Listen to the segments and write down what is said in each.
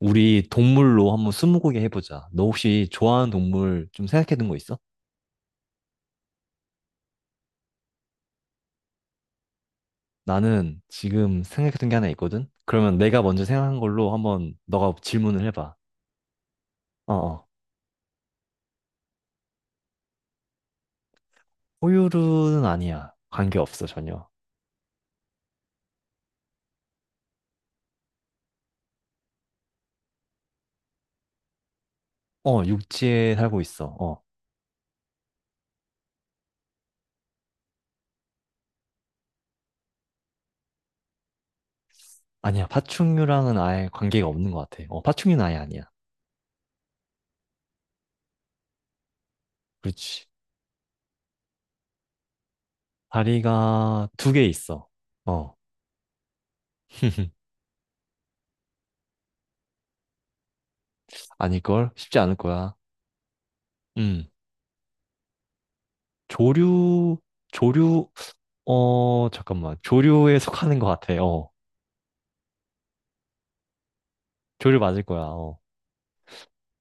우리 동물로 한번 스무고개 해보자. 너 혹시 좋아하는 동물 좀 생각해둔 거 있어? 나는 지금 생각해둔 게 하나 있거든? 그러면 내가 먼저 생각한 걸로 한번 너가 질문을 해봐. 어어. 포유류는 아니야. 관계없어, 전혀. 육지에 살고 있어. 어. 아니야. 파충류랑은 아예 관계가 없는 것 같아. 파충류는 아예 아니야. 그렇지. 다리가 두 개 있어. 어. 아닐걸? 쉽지 않을 거야. 음. 조류, 조류, 잠깐만. 조류에 속하는 것 같아. 어. 조류 맞을 거야. 어.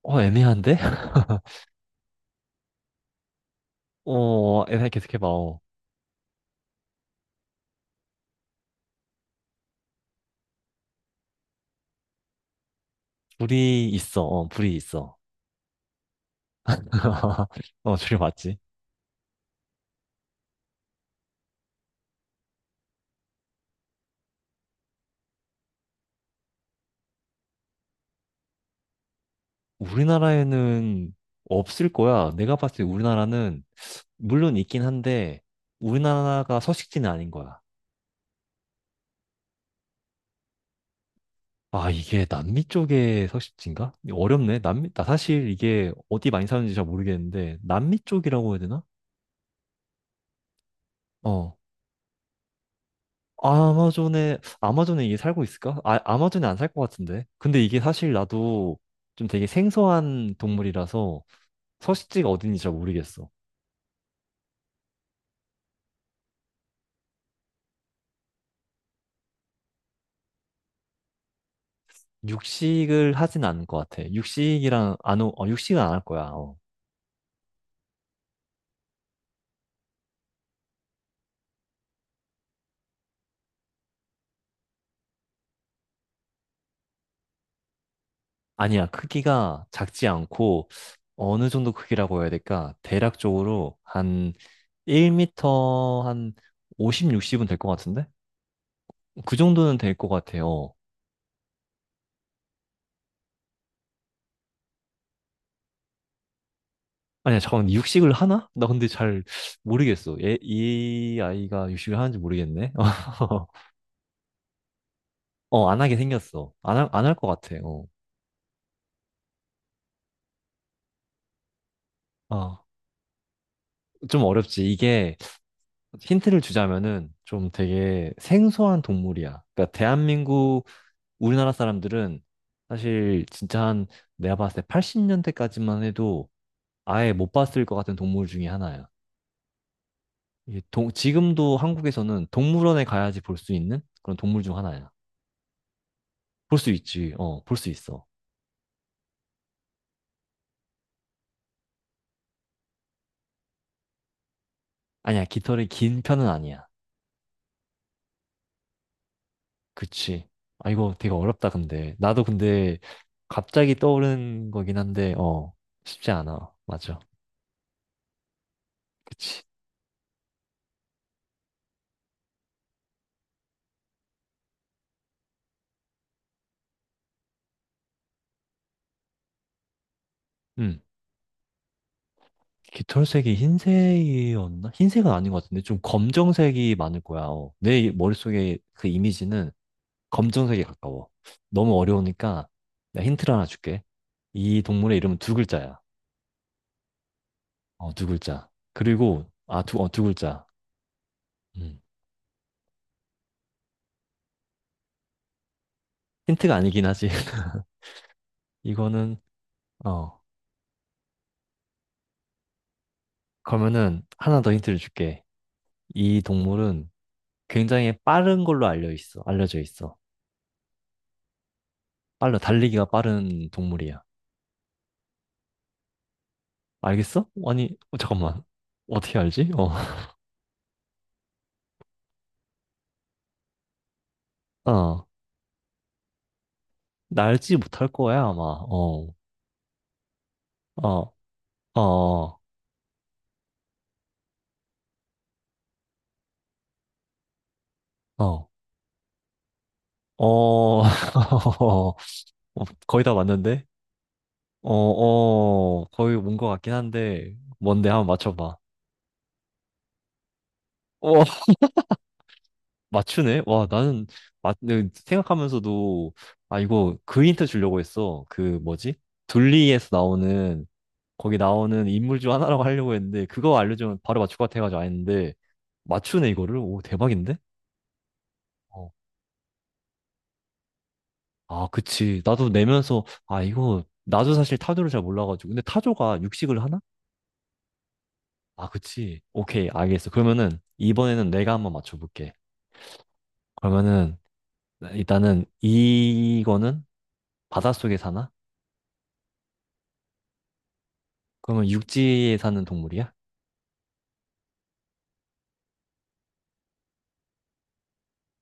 어, 애매한데? 어, 애매 계속해봐. 어. 불이 있어. 불이 있어. 어, 조류 맞지? 우리나라에는 없을 거야. 내가 봤을 때 우리나라는, 물론 있긴 한데, 우리나라가 서식지는 아닌 거야. 아, 이게 남미 쪽의 서식지인가? 어렵네. 남미, 나 사실 이게 어디 많이 사는지 잘 모르겠는데, 남미 쪽이라고 해야 되나? 어, 아마존에 이게 살고 있을까? 아, 아마존에 안 살 것 같은데. 근데 이게 사실 나도 좀 되게 생소한 동물이라서 서식지가 어딘지 잘 모르겠어. 육식을 하진 않을 것 같아. 육식이랑 안, 어, 육식은 안 할 거야. 어. 아니야. 크기가 작지 않고 어느 정도 크기라고 해야 될까? 대략적으로 한 1미터 한 50, 60은 될 것 같은데? 그 정도는 될 것 같아요. 아니야, 잠깐 육식을 하나? 나 근데 잘 모르겠어. 얘, 이 아이가 육식을 하는지 모르겠네. 어, 안 하게 생겼어. 안 할 것 같아. 어. 아, 좀 어렵지. 이게 힌트를 주자면은 좀 되게 생소한 동물이야. 그러니까 대한민국 우리나라 사람들은 사실 진짜 한 내가 봤을 때 80년대까지만 해도 아예 못 봤을 것 같은 동물 중에 하나야. 이게 지금도 한국에서는 동물원에 가야지 볼 수 있는 그런 동물 중 하나야. 볼 수 있지. 어, 볼 수 있어. 아니야, 깃털이 긴 편은 아니야. 그치. 아, 이거 되게 어렵다, 근데. 나도 근데 갑자기 떠오르는 거긴 한데, 어, 쉽지 않아. 맞아. 그치. 음. 깃털색이 흰색이었나? 흰색은 아닌 것 같은데, 좀 검정색이 많을 거야. 어. 내 머릿속에 그 이미지는 검정색에 가까워. 너무 어려우니까, 내가 힌트를 하나 줄게. 이 동물의 이름은 두 글자야. 어, 두 글자. 그리고, 아, 두, 어, 두 글자. 음. 힌트가 아니긴 하지. 이거는, 어, 그러면은 하나 더 힌트를 줄게. 이 동물은 굉장히 빠른 걸로 알려져 있어. 빨라, 달리기가 빠른 동물이야. 알겠어? 아니, 어, 잠깐만. 어떻게 알지? 어, 어, 날지 못할 거야, 아마. 어, 어, 어, 어, 어, 어, 거의 다 맞는데? 거의 온 것 같긴 한데, 뭔데? 한번 맞춰봐. 어. 맞추네? 와, 나는, 맞, 네, 생각하면서도, 아, 이거 그 힌트 주려고 했어. 그, 뭐지? 둘리에서 나오는, 거기 나오는 인물 중 하나라고 하려고 했는데, 그거 알려주면 바로 맞출 것 같아가지고 안 했는데, 맞추네, 이거를? 오, 대박인데? 어. 아, 그치. 나도 내면서, 아, 이거, 나도 사실 타조를 잘 몰라가지고. 근데 타조가 육식을 하나? 아, 그치. 오케이, 알겠어. 그러면은, 이번에는 내가 한번 맞춰볼게. 그러면은, 일단은, 이거는 바닷속에 사나? 그러면 육지에 사는 동물이야?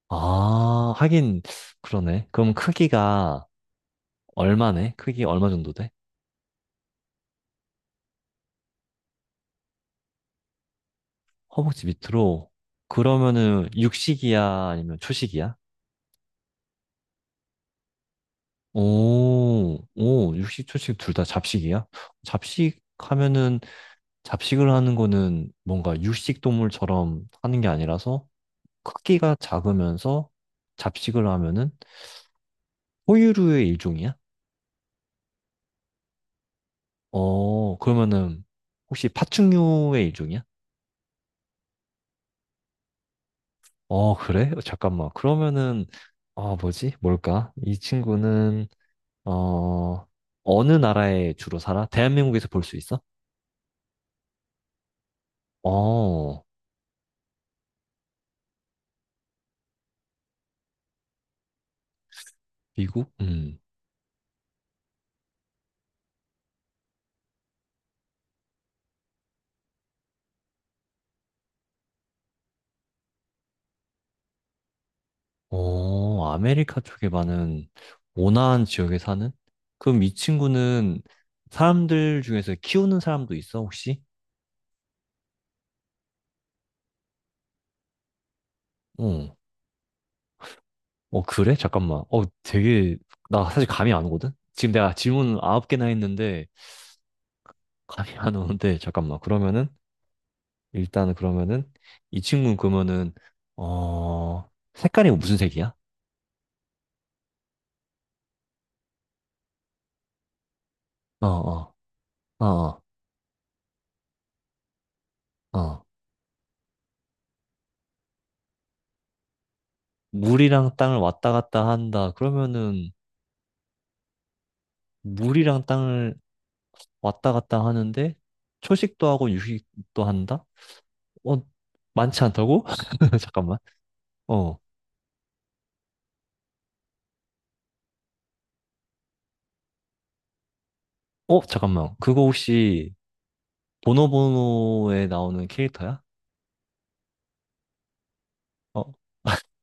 아, 하긴 그러네. 그럼 크기가 얼마네? 크기 얼마 정도 돼? 허벅지 밑으로. 그러면은 육식이야? 아니면 초식이야? 오, 오, 육식, 초식 둘 다 잡식이야? 잡식 하면은 잡식을 하는 거는 뭔가 육식 동물처럼 하는 게 아니라서 크기가 작으면서 잡식을 하면은 포유류의 일종이야? 어, 그러면은 혹시 파충류의 일종이야? 어, 그래? 어, 잠깐만. 그러면은, 아, 뭐지? 뭘까? 이 친구는, 어, 어느 나라에 주로 살아? 대한민국에서 볼 수 있어? 어, 미국? 음. 어, 아메리카 쪽에 많은 온화한 지역에 사는? 그럼 이 친구는 사람들 중에서 키우는 사람도 있어, 혹시? 어, 그래? 잠깐만. 어, 되게, 나 사실 감이 안 오거든? 지금 내가 질문 아홉 개나 했는데, 감이 안 오는데, 잠깐만. 그러면은, 일단은 그러면은 이 친구는 그러면은 어 색깔이 무슨 색이야? 어, 어, 어, 어. 어. 물이랑 땅을 왔다 갔다 한다. 그러면은 물이랑 땅을 왔다 갔다 하는데 초식도 하고 육식도 한다? 어, 많지 않다고? 잠깐만. 어. 어, 잠깐만. 그거 혹시 보노보노에 나오는 캐릭터야? 어,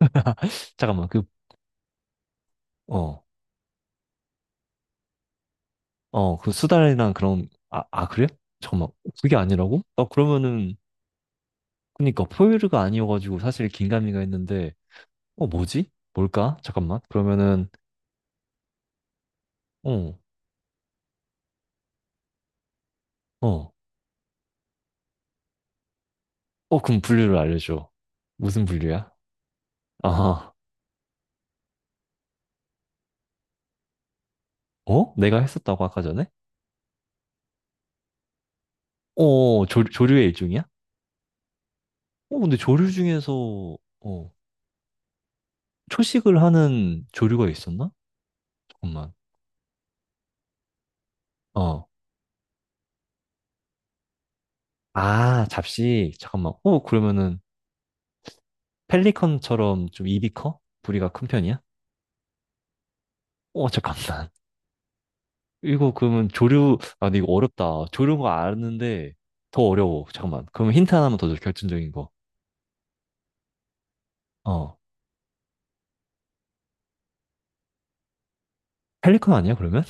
잠깐만. 어. 어, 그 수달이랑 그런, 아, 아, 그래? 잠깐만. 그게 아니라고? 나 그러면은, 그니까, 포유류가 아니어가지고 사실 긴가민가 했는데, 어, 뭐지? 뭘까? 잠깐만. 그러면은, 어, 어, 그럼 분류를 알려줘. 무슨 분류야? 아, 어? 내가 했었다고 아까 전에? 어, 조류의 일종이야? 어, 근데 조류 중에서, 어, 초식을 하는 조류가 있었나? 잠깐만. 어. 아, 잡식. 잠깐만. 어, 그러면은, 펠리컨처럼 좀 입이 커? 부리가 큰 편이야? 어, 잠깐만. 이거 그러면 조류, 아, 근데 이거 어렵다. 조류인 거 아는데 더 어려워. 잠깐만. 그럼 힌트 하나만 더 줘, 결정적인 거. 어. 펠리컨 아니야, 그러면?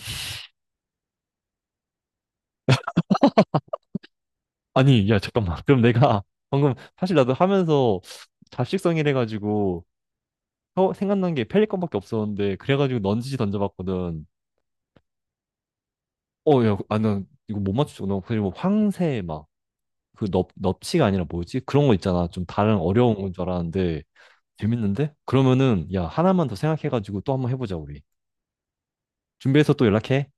아니, 야, 잠깐만. 그럼 내가 방금 사실 나도 하면서 잡식성이래가지고 어, 생각난 게 펠리컨밖에 없었는데 그래가지고 넌지시 던져봤거든. 어, 야, 아, 난 이거 못 맞추잖아. 그리고 황새 막, 그 넙치가 아니라 뭐지? 그런 거 있잖아. 좀 다른 어려운 건 줄 알았는데 재밌는데? 그러면은, 야, 하나만 더 생각해가지고 또 한번 해보자, 우리. 준비해서 또 연락해.